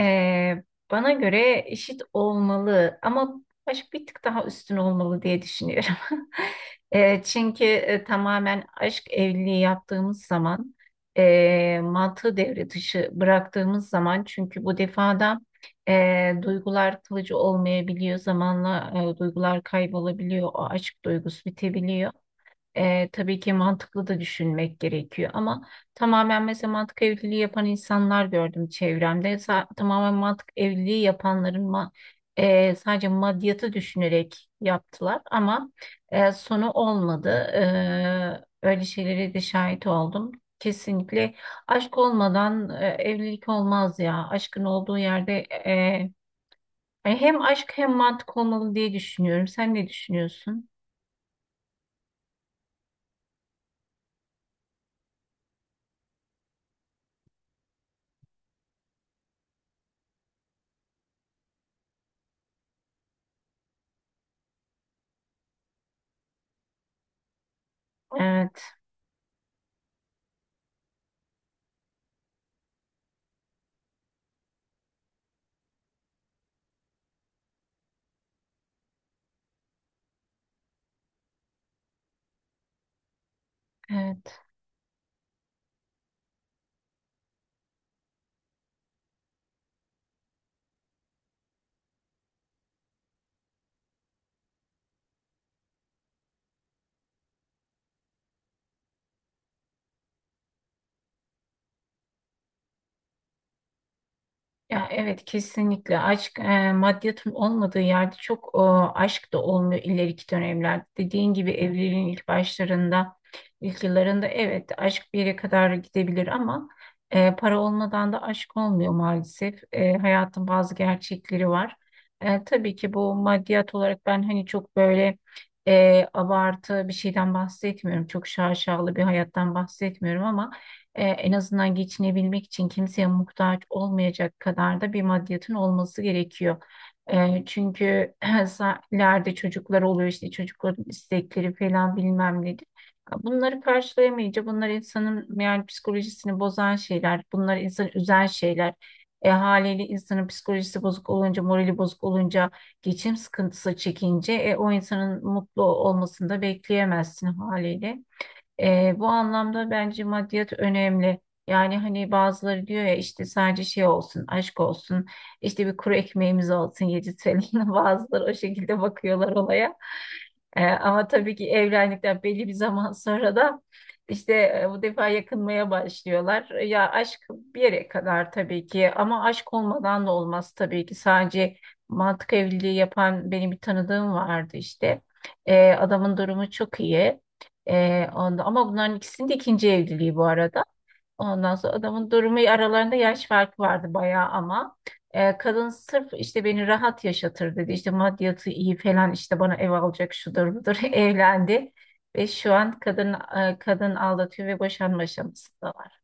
Ee, Bana göre eşit olmalı ama aşk bir tık daha üstün olmalı diye düşünüyorum. Çünkü tamamen aşk evliliği yaptığımız zaman mantığı devre dışı bıraktığımız zaman çünkü bu defada duygular kalıcı olmayabiliyor. Zamanla duygular kaybolabiliyor. O aşk duygusu bitebiliyor. Tabii ki mantıklı da düşünmek gerekiyor ama tamamen mesela mantık evliliği yapan insanlar gördüm çevremde. Tamamen mantık evliliği yapanların sadece maddiyatı düşünerek yaptılar ama sonu olmadı. Öyle şeylere de şahit oldum. Kesinlikle aşk olmadan evlilik olmaz ya. Aşkın olduğu yerde yani hem aşk hem mantık olmalı diye düşünüyorum. Sen ne düşünüyorsun? Evet, evet. Ya evet, kesinlikle aşk maddiyatın olmadığı yerde çok aşk da olmuyor ileriki dönemlerde. Dediğin gibi evliliğin ilk başlarında, ilk yıllarında evet aşk bir yere kadar gidebilir ama para olmadan da aşk olmuyor maalesef. Hayatın bazı gerçekleri var. Tabii ki bu maddiyat olarak ben hani çok böyle abartı bir şeyden bahsetmiyorum. Çok şaşalı bir hayattan bahsetmiyorum ama en azından geçinebilmek için kimseye muhtaç olmayacak kadar da bir maddiyatın olması gerekiyor. Çünkü ileride çocuklar oluyor, işte çocukların istekleri falan bilmem nedir. Bunları karşılayamayınca bunlar insanın yani psikolojisini bozan şeyler, bunlar insanı üzen şeyler. Haliyle insanın psikolojisi bozuk olunca, morali bozuk olunca, geçim sıkıntısı çekince o insanın mutlu olmasını da bekleyemezsin haliyle. Bu anlamda bence maddiyat önemli. Yani hani bazıları diyor ya, işte sadece şey olsun, aşk olsun, işte bir kuru ekmeğimiz olsun, 7 TL. Bazıları o şekilde bakıyorlar olaya. Ama tabii ki evlendikten belli bir zaman sonra da işte bu defa yakınmaya başlıyorlar. Ya aşk bir yere kadar tabii ki ama aşk olmadan da olmaz tabii ki. Sadece mantık evliliği yapan benim bir tanıdığım vardı işte. Adamın durumu çok iyi. Onda, ama bunların ikisinin de ikinci evliliği bu arada. Ondan sonra adamın durumu, aralarında yaş farkı vardı bayağı ama kadın sırf işte beni rahat yaşatır dedi. İşte maddiyatı iyi falan, işte bana ev alacak, şudur budur evlendi. Ve şu an kadın kadın aldatıyor ve boşanma aşamasında var.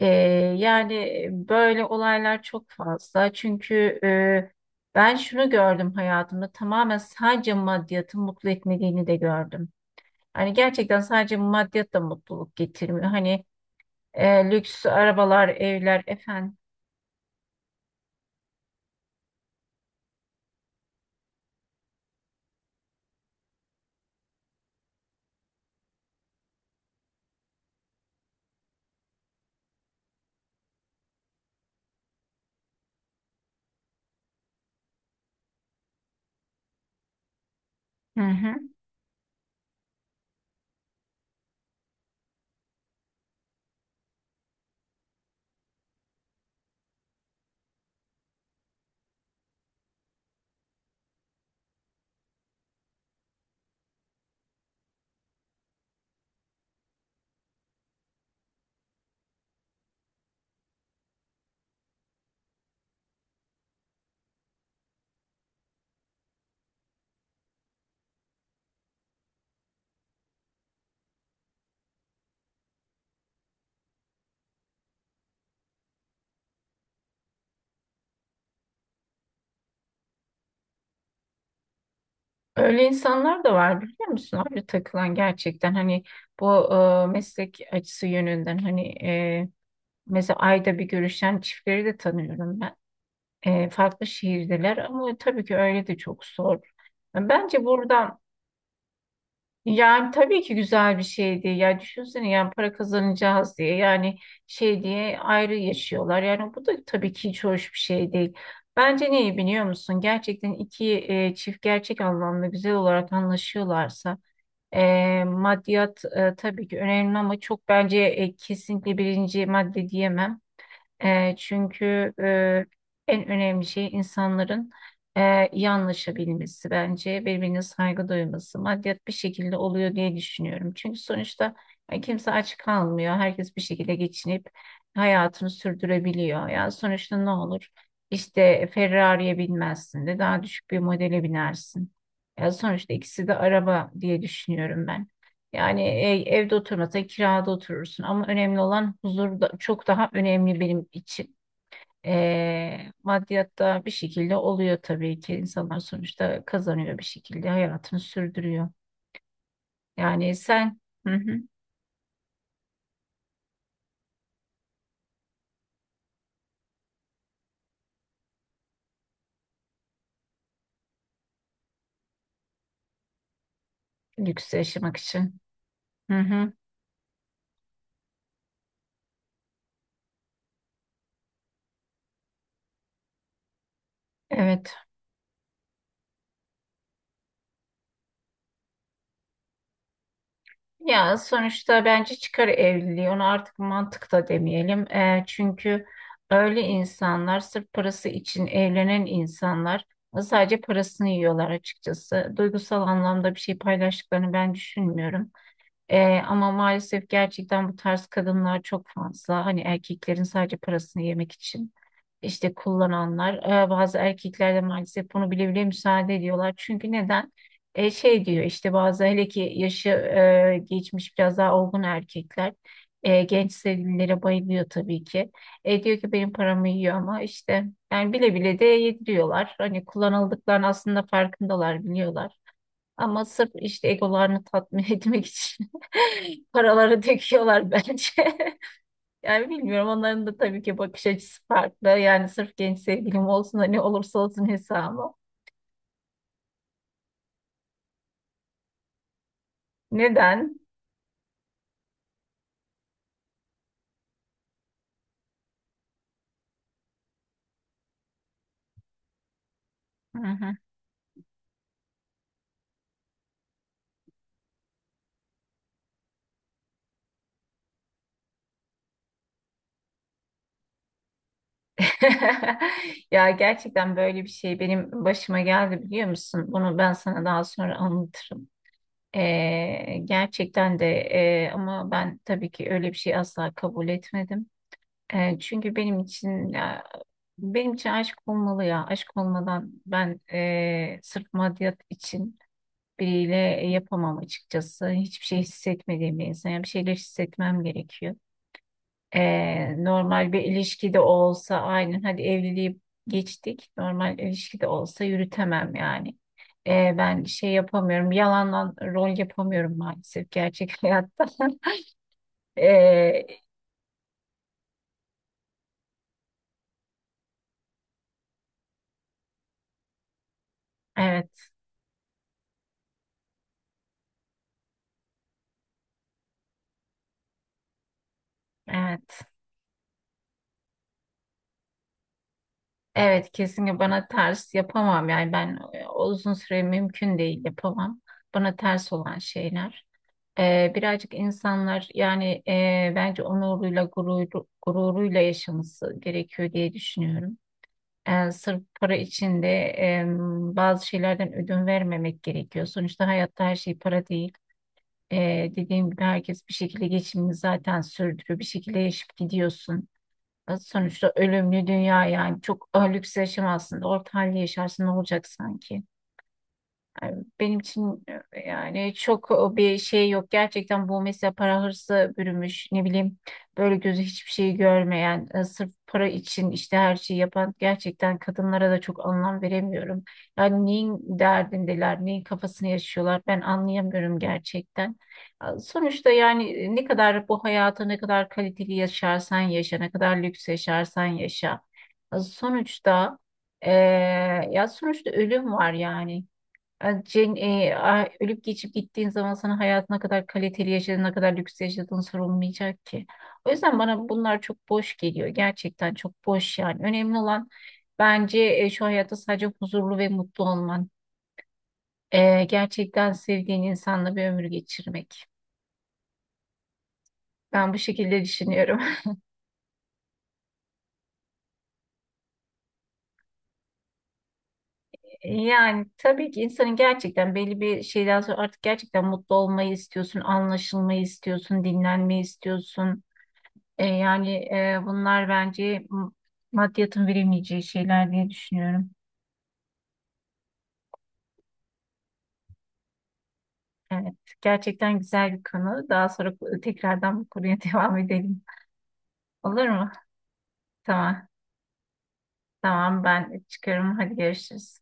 Ee, Yani böyle olaylar çok fazla. Çünkü ben şunu gördüm hayatımda, tamamen sadece maddiyatın mutlu etmediğini de gördüm. Hani gerçekten sadece maddiyat da mutluluk getirmiyor. Hani e, lüks arabalar, evler efendim. Hı hı. Öyle insanlar da var, biliyor musun abi, takılan gerçekten. Hani bu meslek açısı yönünden, hani mesela ayda bir görüşen çiftleri de tanıyorum ben. Farklı şehirdeler ama tabii ki öyle de çok zor. Bence burada. Yani tabii ki güzel bir şeydi. Ya düşünsene, yani para kazanacağız diye, yani şey diye ayrı yaşıyorlar. Yani bu da tabii ki hiç hoş bir şey değil. Bence neyi biliyor musun? Gerçekten iki çift gerçek anlamda güzel olarak anlaşıyorlarsa maddiyat tabii ki önemli ama çok, bence kesinlikle birinci madde diyemem. Çünkü en önemli şey insanların iyi anlaşabilmesi, bence birbirine saygı duyması, maddiyat bir şekilde oluyor diye düşünüyorum. Çünkü sonuçta kimse aç kalmıyor. Herkes bir şekilde geçinip hayatını sürdürebiliyor. Ya sonuçta ne olur? İşte Ferrari'ye binmezsin de daha düşük bir modele binersin. Ya sonuçta ikisi de araba diye düşünüyorum ben. Yani evde oturmasan kirada oturursun ama önemli olan huzur da, çok daha önemli benim için. Maddiyatta bir şekilde oluyor tabii ki, insanlar sonuçta kazanıyor, bir şekilde hayatını sürdürüyor. Yani sen, hı hı, lüks yaşamak için. Hı hı, evet. Ya sonuçta bence çıkar evliliği, ona artık mantık da demeyelim. Çünkü öyle insanlar, sırf parası için evlenen insanlar sadece parasını yiyorlar açıkçası. Duygusal anlamda bir şey paylaştıklarını ben düşünmüyorum. Ama maalesef gerçekten bu tarz kadınlar çok fazla. Hani erkeklerin sadece parasını yemek için işte kullananlar, bazı erkekler de maalesef bunu bile bile müsaade ediyorlar. Çünkü neden? Şey diyor işte, bazı hele ki yaşı geçmiş biraz daha olgun erkekler genç sevgililere bayılıyor tabii ki. Diyor ki benim paramı yiyor ama işte, yani bile bile de yediriyorlar. Hani kullanıldıklarını aslında farkındalar, biliyorlar. Ama sırf işte egolarını tatmin etmek için paraları döküyorlar bence. Yani bilmiyorum, onların da tabii ki bakış açısı farklı. Yani sırf genç sevgilim olsun da ne olursa olsun hesabı. Neden? Hı hı. Ya gerçekten böyle bir şey benim başıma geldi, biliyor musun? Bunu ben sana daha sonra anlatırım. Gerçekten de ama ben tabii ki öyle bir şey asla kabul etmedim. Çünkü benim için ya, benim için aşk olmalı ya. Aşk olmadan ben, sırf maddiyat için biriyle yapamam açıkçası. Hiçbir şey hissetmediğim bir insan. Yani bir şeyler hissetmem gerekiyor. Normal bir ilişkide olsa, aynen, hadi evliliği geçtik. Normal ilişkide olsa yürütemem yani. Ben şey yapamıyorum. Yalandan rol yapamıyorum maalesef gerçek hayatta. Ee, evet, evet. Evet, kesinlikle bana ters, yapamam yani ben, uzun süre mümkün değil, yapamam. Bana ters olan şeyler. Birazcık insanlar, yani bence onuruyla gururuyla yaşaması gerekiyor diye düşünüyorum. Sırf para için de bazı şeylerden ödün vermemek gerekiyor. Sonuçta hayatta her şey para değil. Dediğim gibi herkes bir şekilde geçimini zaten sürdürüyor. Bir şekilde yaşayıp gidiyorsun. Sonuçta ölümlü dünya, yani çok lüks yaşamazsın da orta halde yaşarsın, ne olacak sanki? Yani benim için yani çok bir şey yok. Gerçekten bu, mesela para hırsı bürümüş, ne bileyim, böyle gözü hiçbir şeyi görmeyen, sırf para için işte her şeyi yapan gerçekten kadınlara da çok anlam veremiyorum. Yani neyin derdindeler, neyin kafasını yaşıyorlar, ben anlayamıyorum gerçekten. Sonuçta yani, ne kadar bu hayata, ne kadar kaliteli yaşarsan yaşa, ne kadar lüks yaşarsan yaşa. E, Sonuçta e, Ya sonuçta ölüm var yani. Ölüp geçip gittiğin zaman sana hayatına kadar kaliteli yaşadığın, ne kadar lüks yaşadığın sorulmayacak ki. O yüzden bana bunlar çok boş geliyor. Gerçekten çok boş yani. Önemli olan bence şu hayatta sadece huzurlu ve mutlu olman. Gerçekten sevdiğin insanla bir ömür geçirmek. Ben bu şekilde düşünüyorum. Yani tabii ki insanın gerçekten belli bir şeyden sonra artık gerçekten mutlu olmayı istiyorsun, anlaşılmayı istiyorsun, dinlenmeyi istiyorsun. Yani bunlar bence maddiyatın veremeyeceği şeyler diye düşünüyorum. Evet, gerçekten güzel bir konu. Daha sonra tekrardan bu konuya devam edelim. Olur mu? Tamam, tamam, ben çıkıyorum. Hadi görüşürüz.